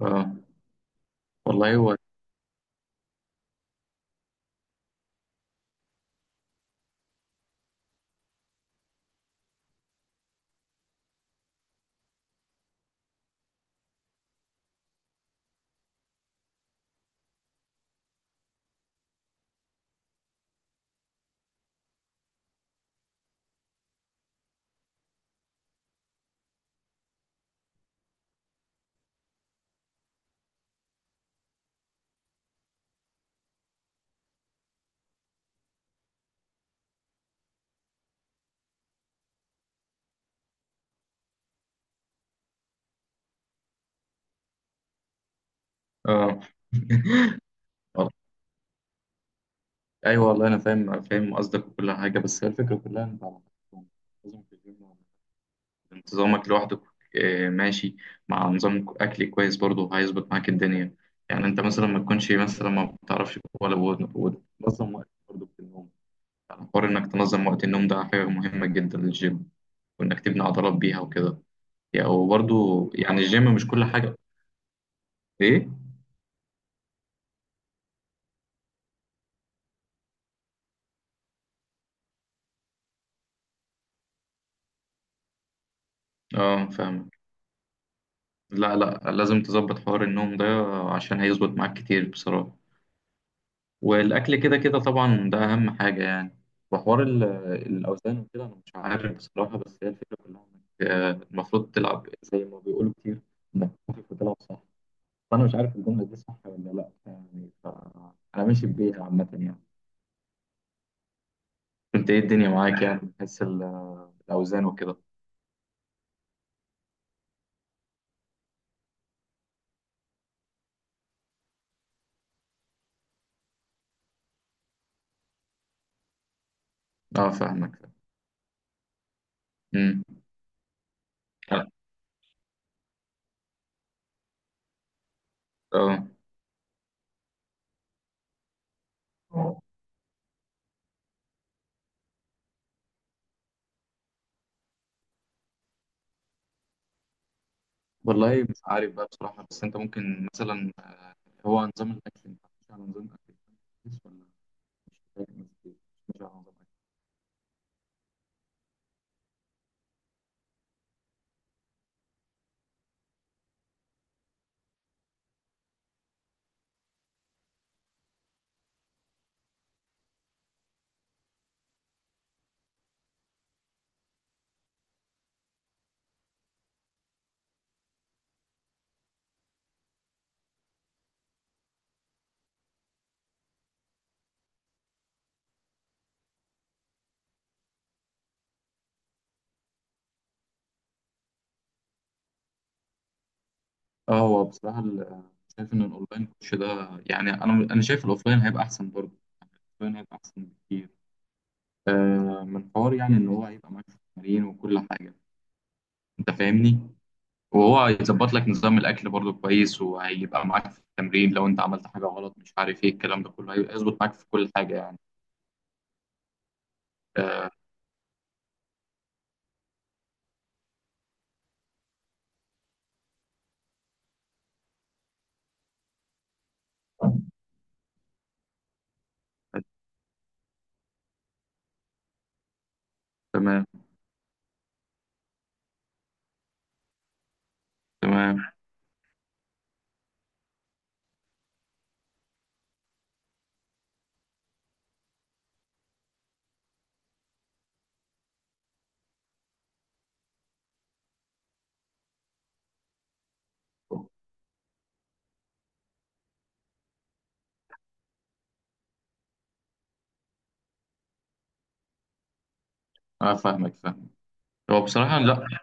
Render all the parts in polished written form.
اه والله هو اه والله- ايوه، والله انا فاهم فاهم قصدك وكل حاجه. بس هي الفكره كلها انت على حسب، لازم في الجيم انتظامك لوحدك. ماشي، مع نظام اكل كويس برضه هيظبط معاك الدنيا. يعني انت مثلا ما تكونش، مثلا ما بتعرفش ولا وتنظم وقت برضه في النوم. يعني حوار انك تنظم وقت النوم ده حاجه مهمه جدا للجيم، وانك تبني عضلات بيها وكده. يعني وبرضه يعني الجيم مش كل حاجه. ايه؟ اه، فاهم. لا لا، لازم تظبط حوار النوم ده عشان هيظبط معاك كتير بصراحة. والأكل كده كده طبعا ده أهم حاجة يعني. وحوار الأوزان وكده أنا مش عارف بصراحة. بس هي الفكرة كلها إنك المفروض تلعب زي ما بيقولوا كتير، إنك خفيف وتلعب صح. فأنا مش عارف الجملة دي صح ولا لأ، يعني أنا ماشي بيها عامة يعني. أنت إيه الدنيا معاك؟ يعني بحس الأوزان وكده. أه، فاهمك. أمم. أه. آه. والله مش عارف بقى بصراحة. بس أنت ممكن مثلا، هو نظام الأكل، أنت ماشي على نظام أكل كويس ولا؟ مش فاهم، مش ماشي على نظام أكل؟ أه، هو بصراحة شايف إن الأونلاين كوتش ده، يعني أنا شايف الأوفلاين هيبقى أحسن برضه. يعني الأوفلاين هيبقى أحسن بكتير، من حوار يعني إن هو هيبقى معاك في التمارين وكل حاجة. أنت فاهمني؟ وهو هيظبط لك نظام الأكل برضه كويس، وهيبقى معاك في التمرين لو أنت عملت حاجة غلط مش عارف إيه، الكلام ده كله هيظبط معاك في كل حاجة يعني. آه، تمام تمام. اه فاهمك، فاهم. هو بصراحة لا.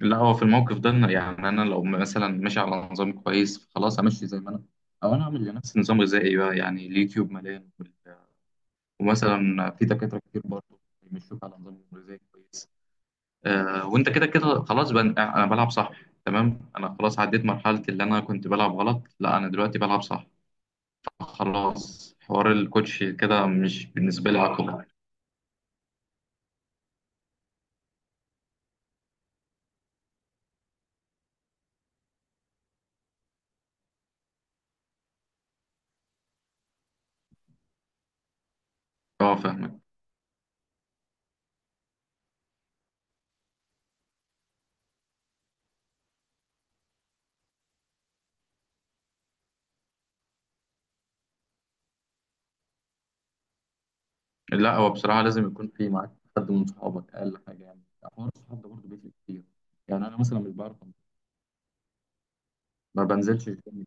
لا، هو في الموقف ده يعني أنا لو مثلا ماشي على نظام كويس، خلاص أمشي زي ما أنا. أو أنا أعمل لنفسي نظام غذائي بقى، يعني اليوتيوب مليان ومثلا في دكاترة كتير برضه بيمشوك على نظام غذائي كويس. آه، وأنت كده كده خلاص بقى، أنا بلعب صح. تمام، أنا خلاص عديت مرحلة اللي أنا كنت بلعب غلط، لا أنا دلوقتي بلعب صح. خلاص، حوار الكوتش كده مش بالنسبة لي عقبة. اه فاهمك. لا، هو بصراحة لازم يكون في معاك حد من صحابك، أقل حاجة. يعني حوار الصحاب ده برضه بيفرق كتير. يعني أنا مثلا مش بعرف ما بنزلش الجيم.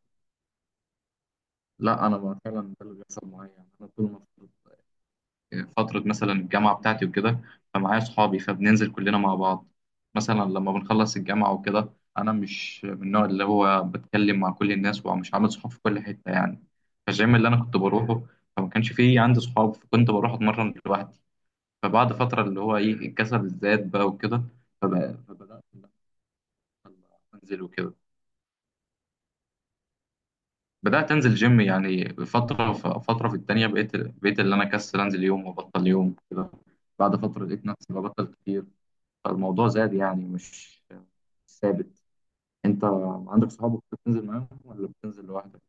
لا أنا، ما فعلا ده اللي بيحصل معايا. يعني أنا طول ما فترة مثلا الجامعة بتاعتي وكده فمعايا صحابي، فبننزل كلنا مع بعض. مثلا لما بنخلص الجامعة وكده، أنا مش من النوع اللي هو بتكلم مع كل الناس ومش عامل صحاب في كل حتة يعني. فالجيم اللي أنا كنت بروحه فما كانش فيه عندي صحاب، فكنت بروح أتمرن لوحدي. فبعد فترة اللي هو إيه، الكسل زاد بقى وكده. فبدأت إن أنا أنزل وكده. بدأت أنزل جيم يعني فترة فترة في التانية، بقيت اللي أنا كسل أنزل يوم وأبطل يوم كده. بعد فترة لقيت نفسي ببطل كتير، فالموضوع زاد يعني مش ثابت. أنت عندك صحابك بتنزل معاهم ولا بتنزل لوحدك؟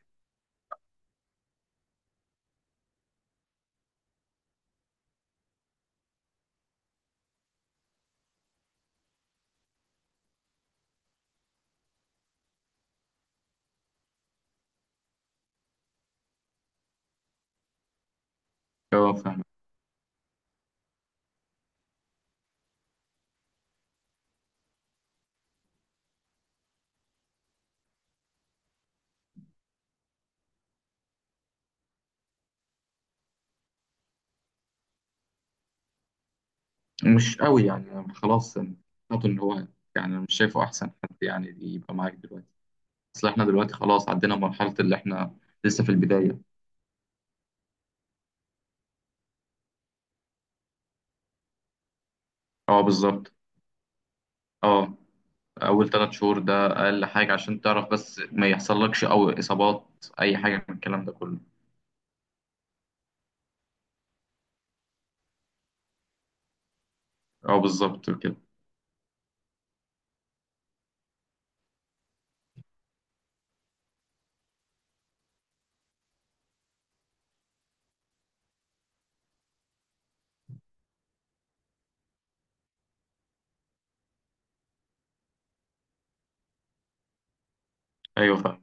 أه فاهم. مش قوي يعني، أنا خلاص يعني حاطط إن هو، يعني مش شايفه أحسن حد يعني يبقى معاك دلوقتي. أصل إحنا دلوقتي خلاص عدينا مرحلة اللي إحنا لسه في البداية. اه بالظبط. اه، اول 3 شهور ده اقل حاجه عشان تعرف بس، ما يحصلكش او اصابات اي حاجه من الكلام ده كله. اه بالظبط كده. ايوه فاهم.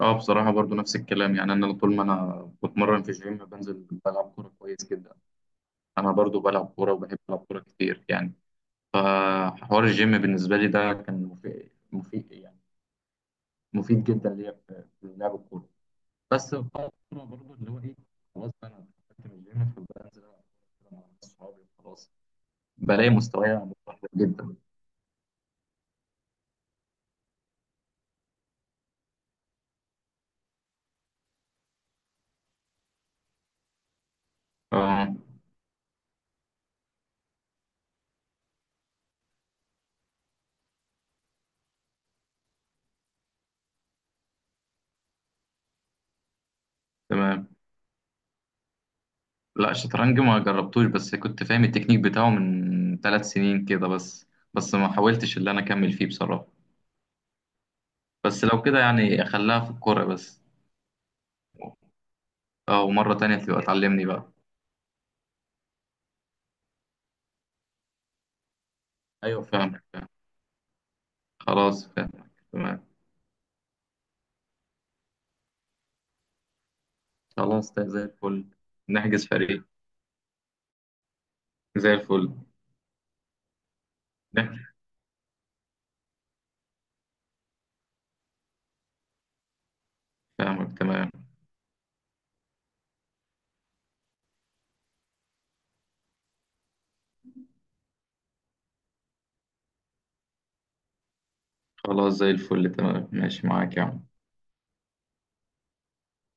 اه، بصراحه برضو نفس الكلام. يعني انا طول ما انا بتمرن في الجيم، بنزل بلعب كوره كويس جدا. انا برضو بلعب كوره وبحب العب كوره كتير يعني. فحوار الجيم بالنسبه لي ده كان مفيد مفيد يعني، مفيد جدا ليا في لعب الكوره. بس بقى الكوره برضو اللي هو ايه، خلاص بقى انا دخلت من الجيم فبنزل العب كورة مع ناس صحابي وخلاص. بلاقي مستواي متدهور جدا. اه تمام. لا، الشطرنج ما جربتوش، بس كنت فاهم التكنيك بتاعه من 3 سنين كده بس. بس ما حاولتش اللي انا اكمل فيه بصراحة. بس لو كده يعني اخليها في الكورة بس. اه، ومرة تانية تبقى تعلمني بقى. ايوه فاهمك، فاهم. خلاص فاهمك، تمام. خلاص، ده زي الفل. نحجز فريق. زي الفل. نحجز. فاهمك تمام. خلاص زي الفل، تمام ماشي معاك يا عم.